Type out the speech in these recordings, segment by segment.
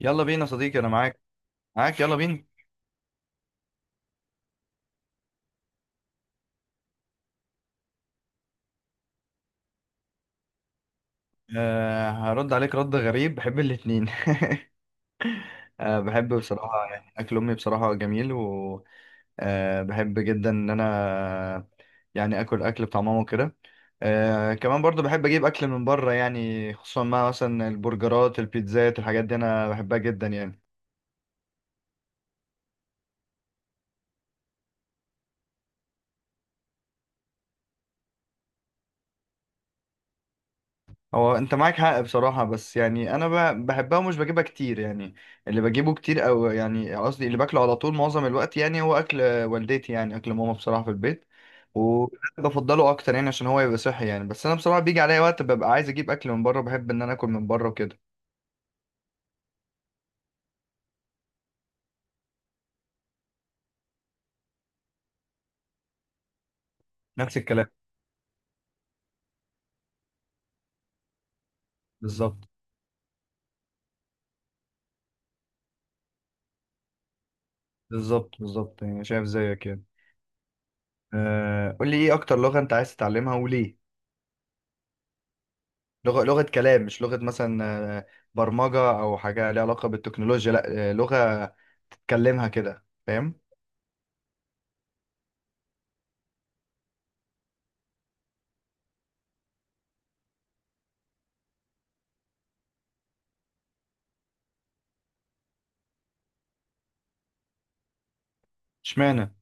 يلا بينا يا صديقي، انا معاك. معاك، يلا بينا. هرد عليك رد غريب، بحب الاتنين. بحب بصراحة، يعني اكل امي بصراحة جميل. و بحب جدا ان انا، يعني اكل بتاع ماما وكده. كمان برضو بحب اجيب اكل من بره، يعني خصوصا مع مثلا البرجرات البيتزات الحاجات دي انا بحبها جدا يعني. هو انت معاك حق بصراحة، بس يعني انا بحبها ومش بجيبها كتير يعني. اللي بجيبه كتير، او يعني قصدي اللي باكله على طول معظم الوقت، يعني هو اكل والدتي، يعني اكل ماما بصراحة في البيت. وبفضله اكتر يعني عشان هو يبقى صحي يعني. بس انا بصراحة بيجي عليا وقت ببقى عايز اجيب اكل من بره، بحب ان انا اكل من بره وكده. نفس الكلام. بالظبط. بالظبط بالظبط، يعني شايف زيك كده. قول لي ايه اكتر لغة انت عايز تتعلمها وليه؟ لغة لغة كلام، مش لغة مثلا آه، برمجة او حاجة ليها علاقة بالتكنولوجيا، لا، لغة كلمها كده فاهم. اشمعنى؟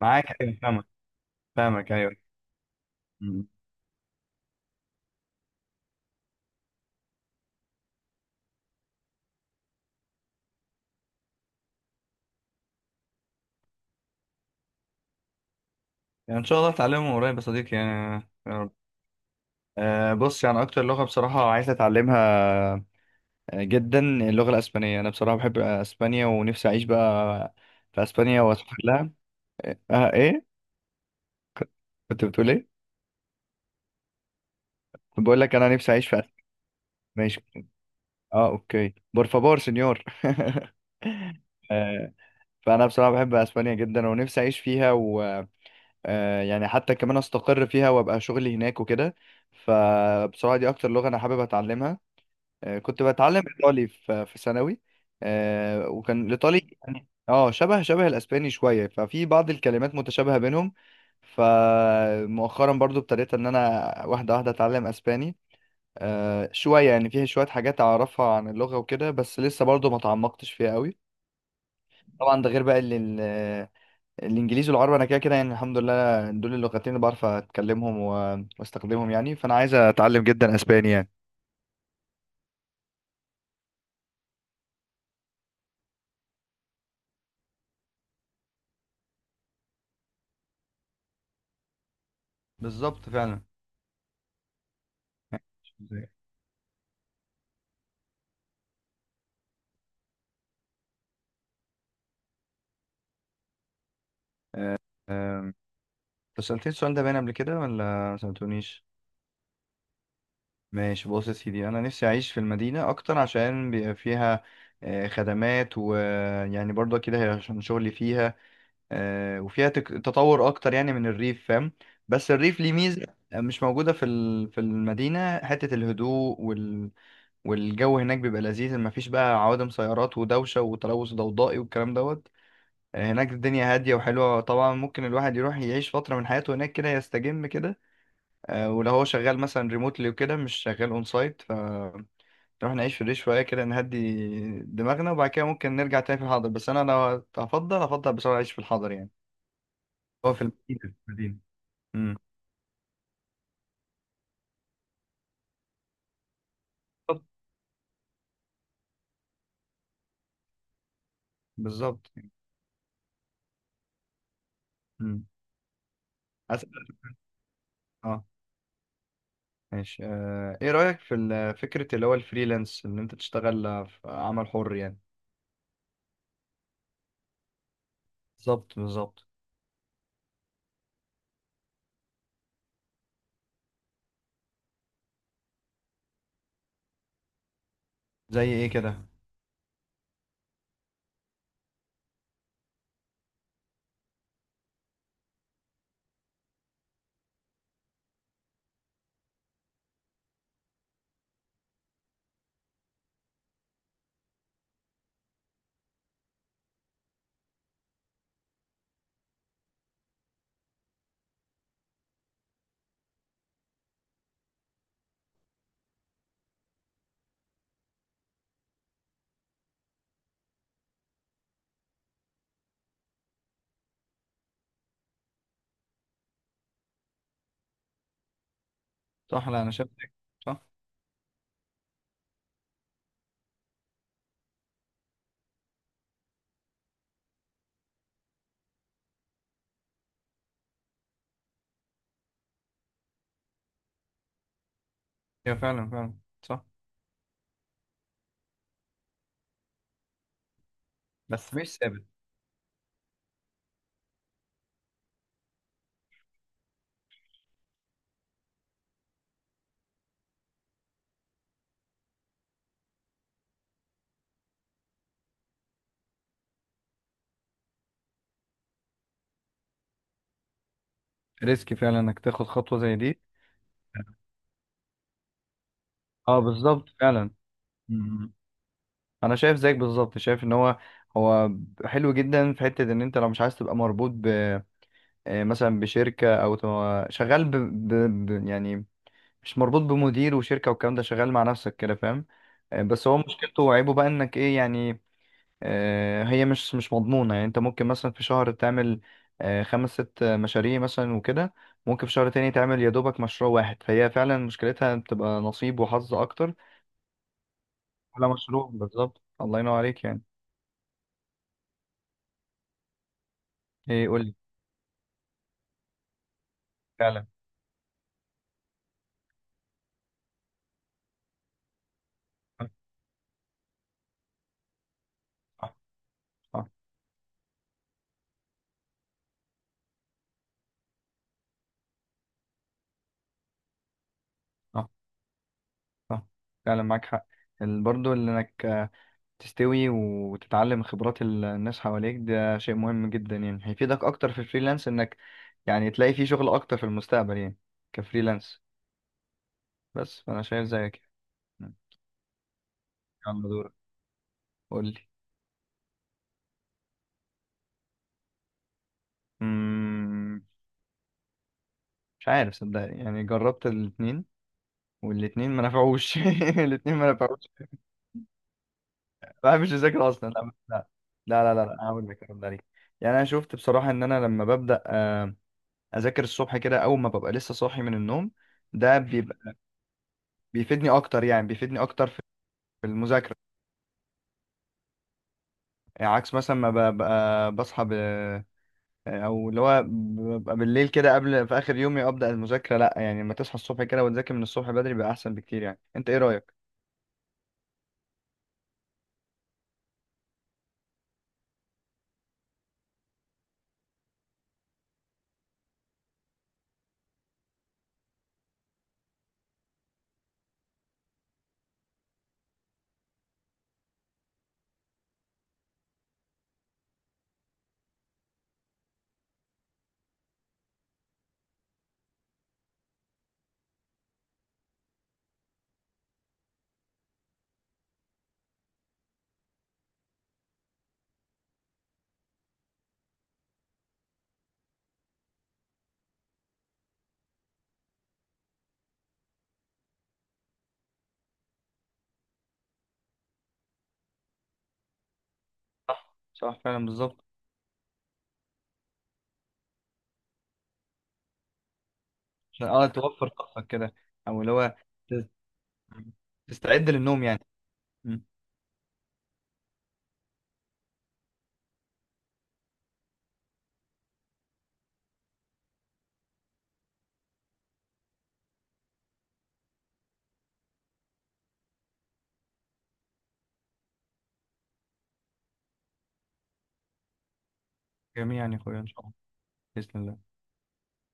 معاك، ايوه فاهمك. فاهمك، ايوه. مم. يعني ان شاء الله اتعلمهم قريب يا صديقي يعني. يا رب. بص يعني اكتر لغه بصراحه عايز اتعلمها جدا اللغه الاسبانيه. انا بصراحه بحب اسبانيا ونفسي اعيش بقى في اسبانيا واسافر لها. اه ايه كنت بتقول ايه؟ كنت بقول لك انا نفسي اعيش في أسبانيا. ماشي. اه اوكي، بور فابور سنيور. آه، فانا بصراحه بحب اسبانيا جدا ونفسي اعيش فيها يعني حتى كمان استقر فيها وابقى شغلي هناك وكده. فبصراحه دي اكتر لغه انا حابب اتعلمها. كنت بتعلم ايطالي في ثانوي. وكان الايطالي يعني شبه الاسباني شويه، ففي بعض الكلمات متشابهه بينهم. فمؤخرا برضو ابتديت ان انا واحده واحده اتعلم اسباني شويه، يعني فيه شويه حاجات اعرفها عن اللغه وكده، بس لسه برضو ما تعمقتش فيها قوي. طبعا ده غير بقى الانجليزي والعربي، انا كده كده يعني الحمد لله دول اللغتين اللي بعرف اتكلمهم واستخدمهم يعني، فانا عايز اتعلم جدا اسباني يعني. بالظبط فعلا. أم، انت سألتني السؤال ده باين قبل كده ولا ما سألتونيش؟ ماشي، بص يا سيدي، انا نفسي اعيش في المدينة اكتر عشان بيبقى فيها خدمات، ويعني برضه كده عشان شغلي فيها وفيها تطور اكتر يعني من الريف فاهم. بس الريف ليه ميزه مش موجوده في في المدينه، حته الهدوء والجو هناك بيبقى لذيذ، مفيش بقى عوادم سيارات ودوشه وتلوث ضوضائي والكلام دوت. هناك الدنيا هاديه وحلوه، طبعا ممكن الواحد يروح يعيش فتره من حياته هناك كده يستجم كده ولو هو شغال مثلا ريموتلي وكده مش شغال اون سايت، ف نروح نعيش في الريف شويه كده نهدي دماغنا، وبعد كده ممكن نرجع تاني في الحاضر. بس انا لو هفضل، هفضل بصراحه اعيش في الحاضر يعني، هو في المدينة في المدينة. امم. بالظبط. بالظبط. امم. أسأل. اه. ماشي ايه رأيك في فكرة اللي هو الفريلانس، ان انت تشتغل في عمل حر يعني؟ بالظبط بالظبط. زي ايه كده؟ صح، لا انا شايف كده. صح. هي فعلا فعلا. صح، بس مش ثابت. ريسك فعلا انك تاخد خطوة زي دي. اه بالظبط فعلا. مم. انا شايف زيك بالظبط، شايف ان هو، هو حلو جدا في حتة ان انت لو مش عايز تبقى مربوط مثلا بشركة أو شغال يعني مش مربوط بمدير وشركة والكلام ده، شغال مع نفسك كده فاهم بس هو مشكلته وعيبه بقى إنك إيه يعني هي مش مضمونة. يعني أنت ممكن مثلا في شهر تعمل خمس ست مشاريع مثلا وكده، ممكن في شهر تاني تعمل يا دوبك مشروع واحد، فهي فعلا مشكلتها بتبقى نصيب وحظ أكتر على مشروع، بالظبط الله ينور عليك يعني. إيه قول لي؟ فعلا. صح. صح صح صح. فعلا معاك حق، برضو اللي انك تستوي وتتعلم خبرات الناس حواليك ده شيء مهم جدا يعني، هيفيدك اكتر في الفريلانس انك يعني تلاقي فيه شغل اكتر في المستقبل يعني كفريلانس. بس فانا شايف زيك يعني. يلا دورك، قول لي. مم، مش عارف صدقني، يعني جربت الاثنين والاثنين ما نفعوش. الاثنين ما نفعوش. ما بحبش اذاكر اصلا، لا لا. لا لا لا لا، هقول لك هرد عليك. يعني انا شفت بصراحه ان انا لما ببدا اذاكر الصبح كده اول ما ببقى لسه صاحي من النوم، ده بيبقى بيفيدني اكتر، يعني بيفيدني اكتر في المذاكره، يعني عكس مثلا ما ببقى بصحى او اللي هو ببقى بالليل كده قبل في اخر يومي ابدا المذاكره، لا. يعني لما تصحى الصبح كده وتذاكر من الصبح بدري بقى احسن بكتير يعني، انت ايه رايك؟ صح صح فعلا بالظبط. عشان توفر طاقتك كده، او اللي هو تس- تستعد للنوم يعني. مم. جميعا يا اخويا ان شاء الله. باذن الله.